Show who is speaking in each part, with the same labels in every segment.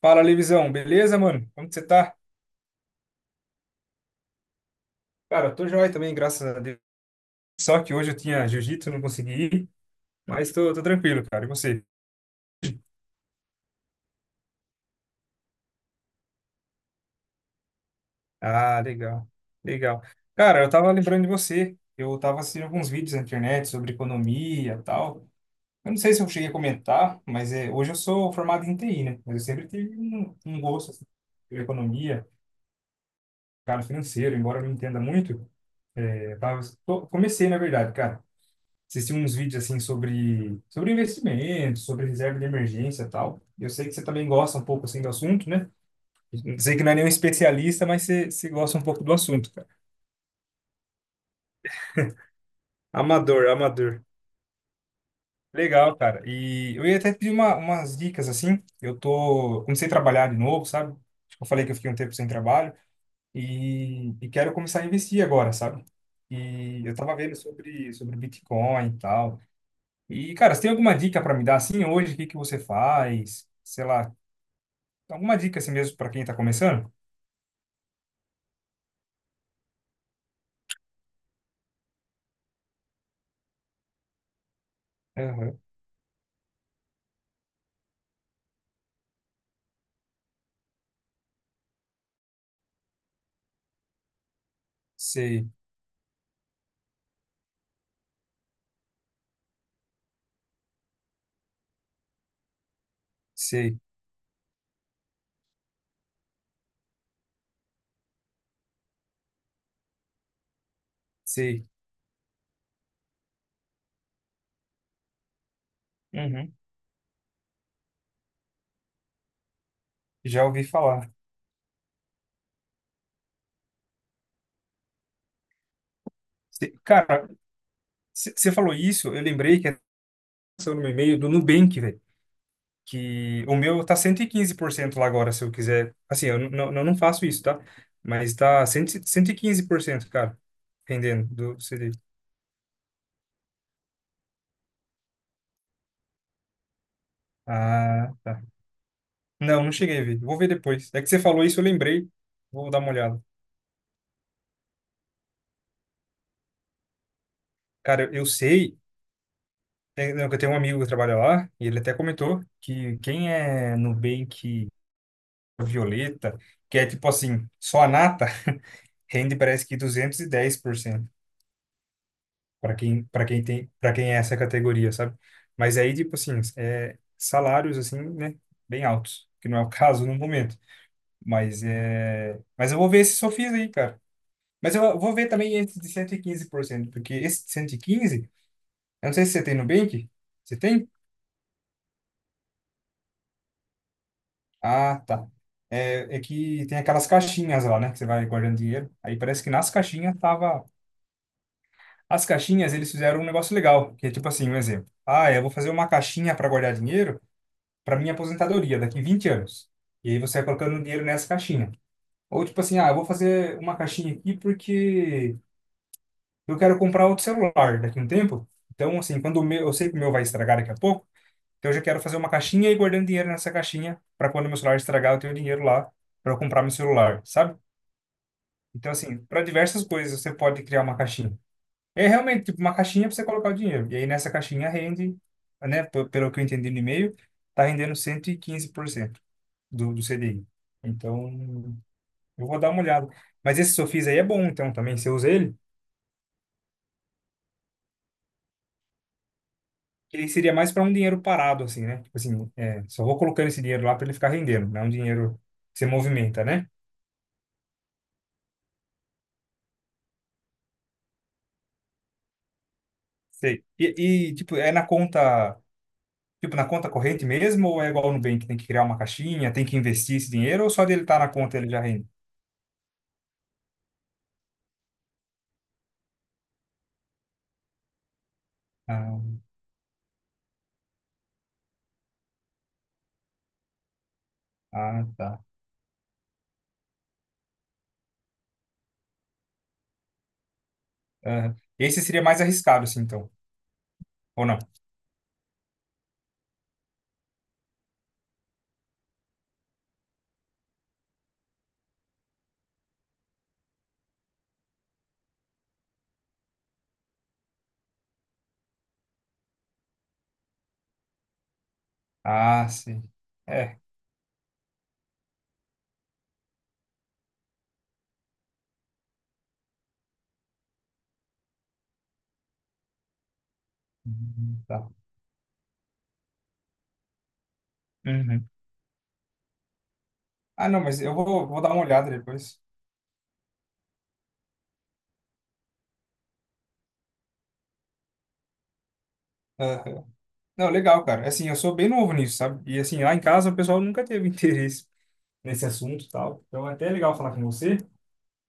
Speaker 1: Fala, Levisão, beleza, mano? Como que você tá? Cara, eu tô joia também, graças a Deus. Só que hoje eu tinha jiu-jitsu, não consegui ir, mas tô tranquilo, cara. E você? Ah, legal, legal. Cara, eu tava lembrando de você. Eu tava assistindo alguns vídeos na internet sobre economia e tal. Eu não sei se eu cheguei a comentar, mas é, hoje eu sou formado em TI, né? Mas eu sempre tive um gosto assim, por economia, cara, financeiro, embora eu não entenda muito. Comecei, na verdade, cara. Assisti uns vídeos assim sobre investimento, sobre reserva de emergência e tal. Eu sei que você também gosta um pouco assim do assunto, né? Sei que não é nenhum especialista, mas você gosta um pouco do assunto, cara. Amador, amador. Legal, cara. E eu ia até pedir umas dicas assim. Comecei a trabalhar de novo, sabe? Acho que eu falei que eu fiquei um tempo sem trabalho e quero começar a investir agora, sabe? E eu tava vendo sobre Bitcoin e tal. E, cara, você tem alguma dica para me dar assim hoje? O que que você faz? Sei lá, então, alguma dica assim mesmo para quem está começando? Aham. Sei, sei, sei. Uhum. Já ouvi falar. Cara, você falou isso, eu lembrei que aconteceu no meu e-mail do Nubank, velho. Que o meu tá 115% lá agora, se eu quiser. Assim, não, não não faço isso, tá? Mas tá cem cento e quinze por cento, cara, rendendo do CD. Ah, tá. Não, não cheguei a ver. Vou ver depois. É que você falou isso, eu lembrei. Vou dar uma olhada. Cara, eu sei. Não, eu tenho um amigo que trabalha lá e ele até comentou que quem é Nubank Violeta, que é tipo assim, só a nata, rende parece que 210% para quem é essa categoria, sabe? Mas aí tipo assim, é salários assim, né, bem altos, que não é o caso no momento, mas é, eu vou ver esse Sofia aí, cara. Mas eu vou ver também esse de 115%, porque esse de 115, eu não sei se você tem Nubank, você tem? Ah, tá. É que tem aquelas caixinhas lá, né? Que você vai guardando dinheiro. Aí parece que nas caixinhas tava. As caixinhas, eles fizeram um negócio legal, que é tipo assim, um exemplo. Ah, eu vou fazer uma caixinha para guardar dinheiro para minha aposentadoria daqui 20 anos. E aí você vai colocando dinheiro nessa caixinha. Ou tipo assim, ah, eu vou fazer uma caixinha aqui porque eu quero comprar outro celular daqui a um tempo. Então, assim, quando o meu, eu sei que o meu vai estragar daqui a pouco, então eu já quero fazer uma caixinha e ir guardando dinheiro nessa caixinha para quando o meu celular estragar, eu ter o dinheiro lá para comprar meu celular, sabe? Então, assim, para diversas coisas você pode criar uma caixinha. É realmente tipo uma caixinha para você colocar o dinheiro. E aí nessa caixinha rende, né, pelo que eu entendi no e-mail, tá rendendo 115% do CDI. Então, eu vou dar uma olhada. Mas esse Sofis aí é bom, então, também. Se eu usa ele, ele seria mais para um dinheiro parado, assim, né? Tipo assim, é, só vou colocando esse dinheiro lá para ele ficar rendendo. Não é um dinheiro que você movimenta, né? Sei. E, tipo, é na conta. Tipo, na conta corrente mesmo, ou é igual no Nubank, tem que criar uma caixinha, tem que investir esse dinheiro, ou só dele estar na conta ele já rende? Ah, tá. Aham. Esse seria mais arriscado, assim, então, ou não? Ah, sim. É. Uhum, tá. Uhum. Ah, não, mas eu vou dar uma olhada depois. Aham. Não, legal, cara. Assim, eu sou bem novo nisso, sabe? E assim, lá em casa o pessoal nunca teve interesse nesse assunto e tal. Então é até legal falar com você,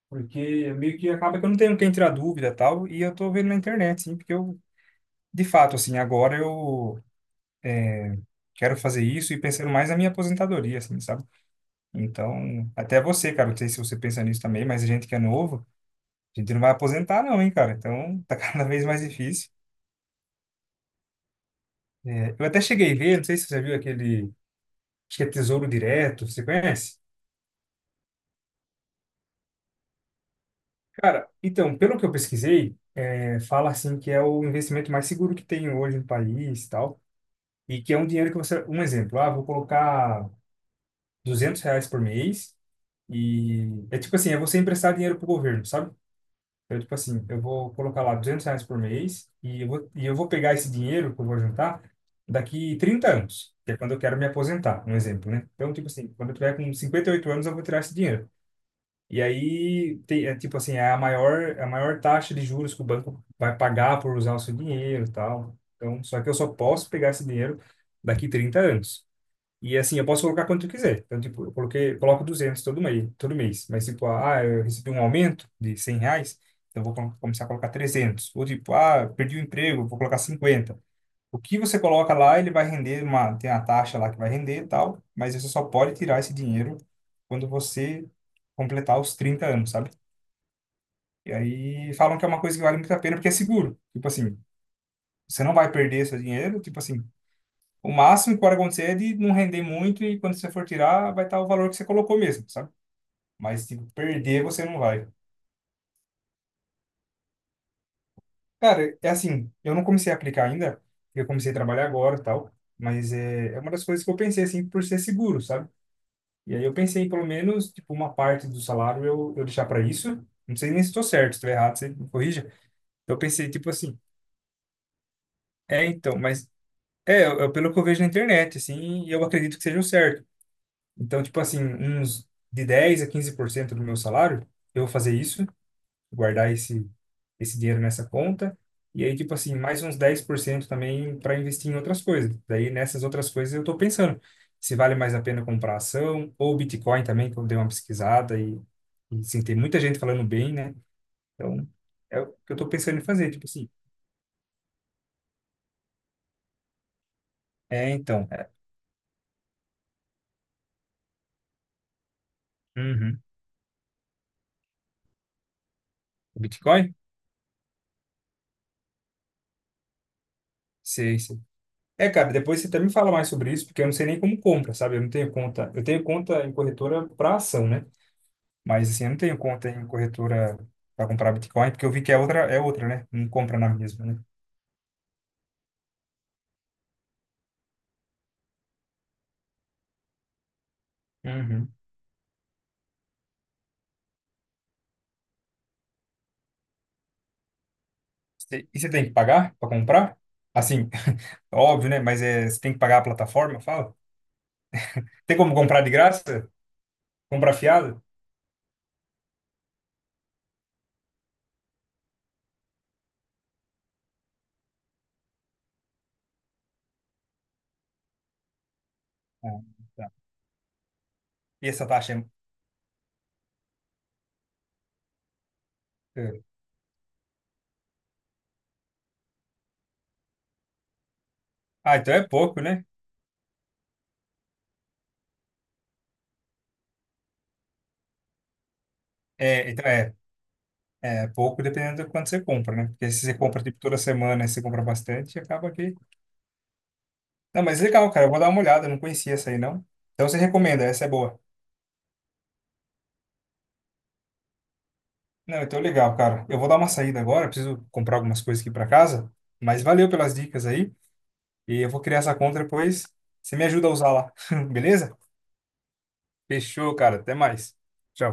Speaker 1: porque meio que acaba que eu não tenho quem tirar dúvida e tal, e eu tô vendo na internet, sim, porque eu de fato, assim, agora eu quero fazer isso e pensando mais na minha aposentadoria, assim, sabe? Então, até você, cara, não sei se você pensa nisso também, mas a gente que é novo, a gente não vai aposentar não, hein, cara? Então, tá cada vez mais difícil. É, eu até cheguei a ver, não sei se você viu aquele, acho que é Tesouro Direto, você conhece? Cara, então, pelo que eu pesquisei, é, fala assim que é o investimento mais seguro que tem hoje no país e tal, e que é um dinheiro que você, um exemplo, ah, vou colocar R$ 200 por mês. E é tipo assim, é você emprestar dinheiro pro governo, sabe? Então, tipo assim, eu vou colocar lá R$ 200 por mês e eu vou pegar esse dinheiro que eu vou juntar daqui 30 anos, que é quando eu quero me aposentar, um exemplo, né? Então, tipo assim, quando eu tiver com 58 anos, eu vou tirar esse dinheiro. E aí, tem, é, tipo assim, é a maior taxa de juros que o banco vai pagar por usar o seu dinheiro e tal. Então, só que eu só posso pegar esse dinheiro daqui 30 anos. E assim, eu posso colocar quanto eu quiser. Então, tipo, eu coloco 200 todo mês, todo mês. Mas, tipo, eu recebi um aumento de R$ 100, então eu vou começar a colocar 300. Ou, tipo, ah, perdi o emprego, vou colocar 50. O que você coloca lá, ele vai render uma, tem uma taxa lá que vai render e tal, mas você só pode tirar esse dinheiro quando você completar os 30 anos, sabe? E aí falam que é uma coisa que vale muito a pena porque é seguro. Tipo assim, você não vai perder esse dinheiro, tipo assim, o máximo que pode acontecer é de não render muito e quando você for tirar, vai estar o valor que você colocou mesmo, sabe? Mas, tipo, perder você não vai. Cara, é assim, eu não comecei a aplicar ainda, eu comecei a trabalhar agora e tal, mas é uma das coisas que eu pensei, assim, por ser seguro, sabe? E aí eu pensei, pelo menos, tipo, uma parte do salário eu deixar para isso. Não sei nem se estou certo, se estou errado, você me corrija. Eu pensei, tipo assim, é então, mas é pelo que eu vejo na internet, assim, e eu acredito que seja o certo. Então, tipo assim, uns de 10 a 15% do meu salário, eu vou fazer isso, guardar esse dinheiro nessa conta. E aí, tipo assim, mais uns 10% também para investir em outras coisas. Daí, nessas outras coisas, eu estou pensando se vale mais a pena comprar ação ou Bitcoin também, que eu dei uma pesquisada e sim, tem muita gente falando bem, né? Então, é o que eu estou pensando em fazer, tipo assim. É, então. É, uhum. Bitcoin? Sei, sei. É, cara, depois você até me fala mais sobre isso, porque eu não sei nem como compra, sabe? Eu não tenho conta. Eu tenho conta em corretora para ação, né? Mas assim, eu não tenho conta em corretora para comprar Bitcoin, porque eu vi que é outra, né? Não compra na mesma, né? Uhum. E você tem que pagar para comprar? Assim, óbvio, né? Mas é, você tem que pagar a plataforma, fala. Tem como comprar de graça? Comprar fiado? Ah, tá. E essa taxa é. Ah, então é pouco, né? É, então é. É pouco dependendo do quanto você compra, né? Porque se você compra tipo toda semana e você compra bastante, acaba que. Não, mas é legal, cara. Eu vou dar uma olhada. Eu não conhecia essa aí, não. Então você recomenda, essa é boa. Não, então legal, cara. Eu vou dar uma saída agora. Preciso comprar algumas coisas aqui para casa. Mas valeu pelas dicas aí. E eu vou criar essa conta depois. Você me ajuda a usar lá. Beleza? Fechou, cara. Até mais. Tchau.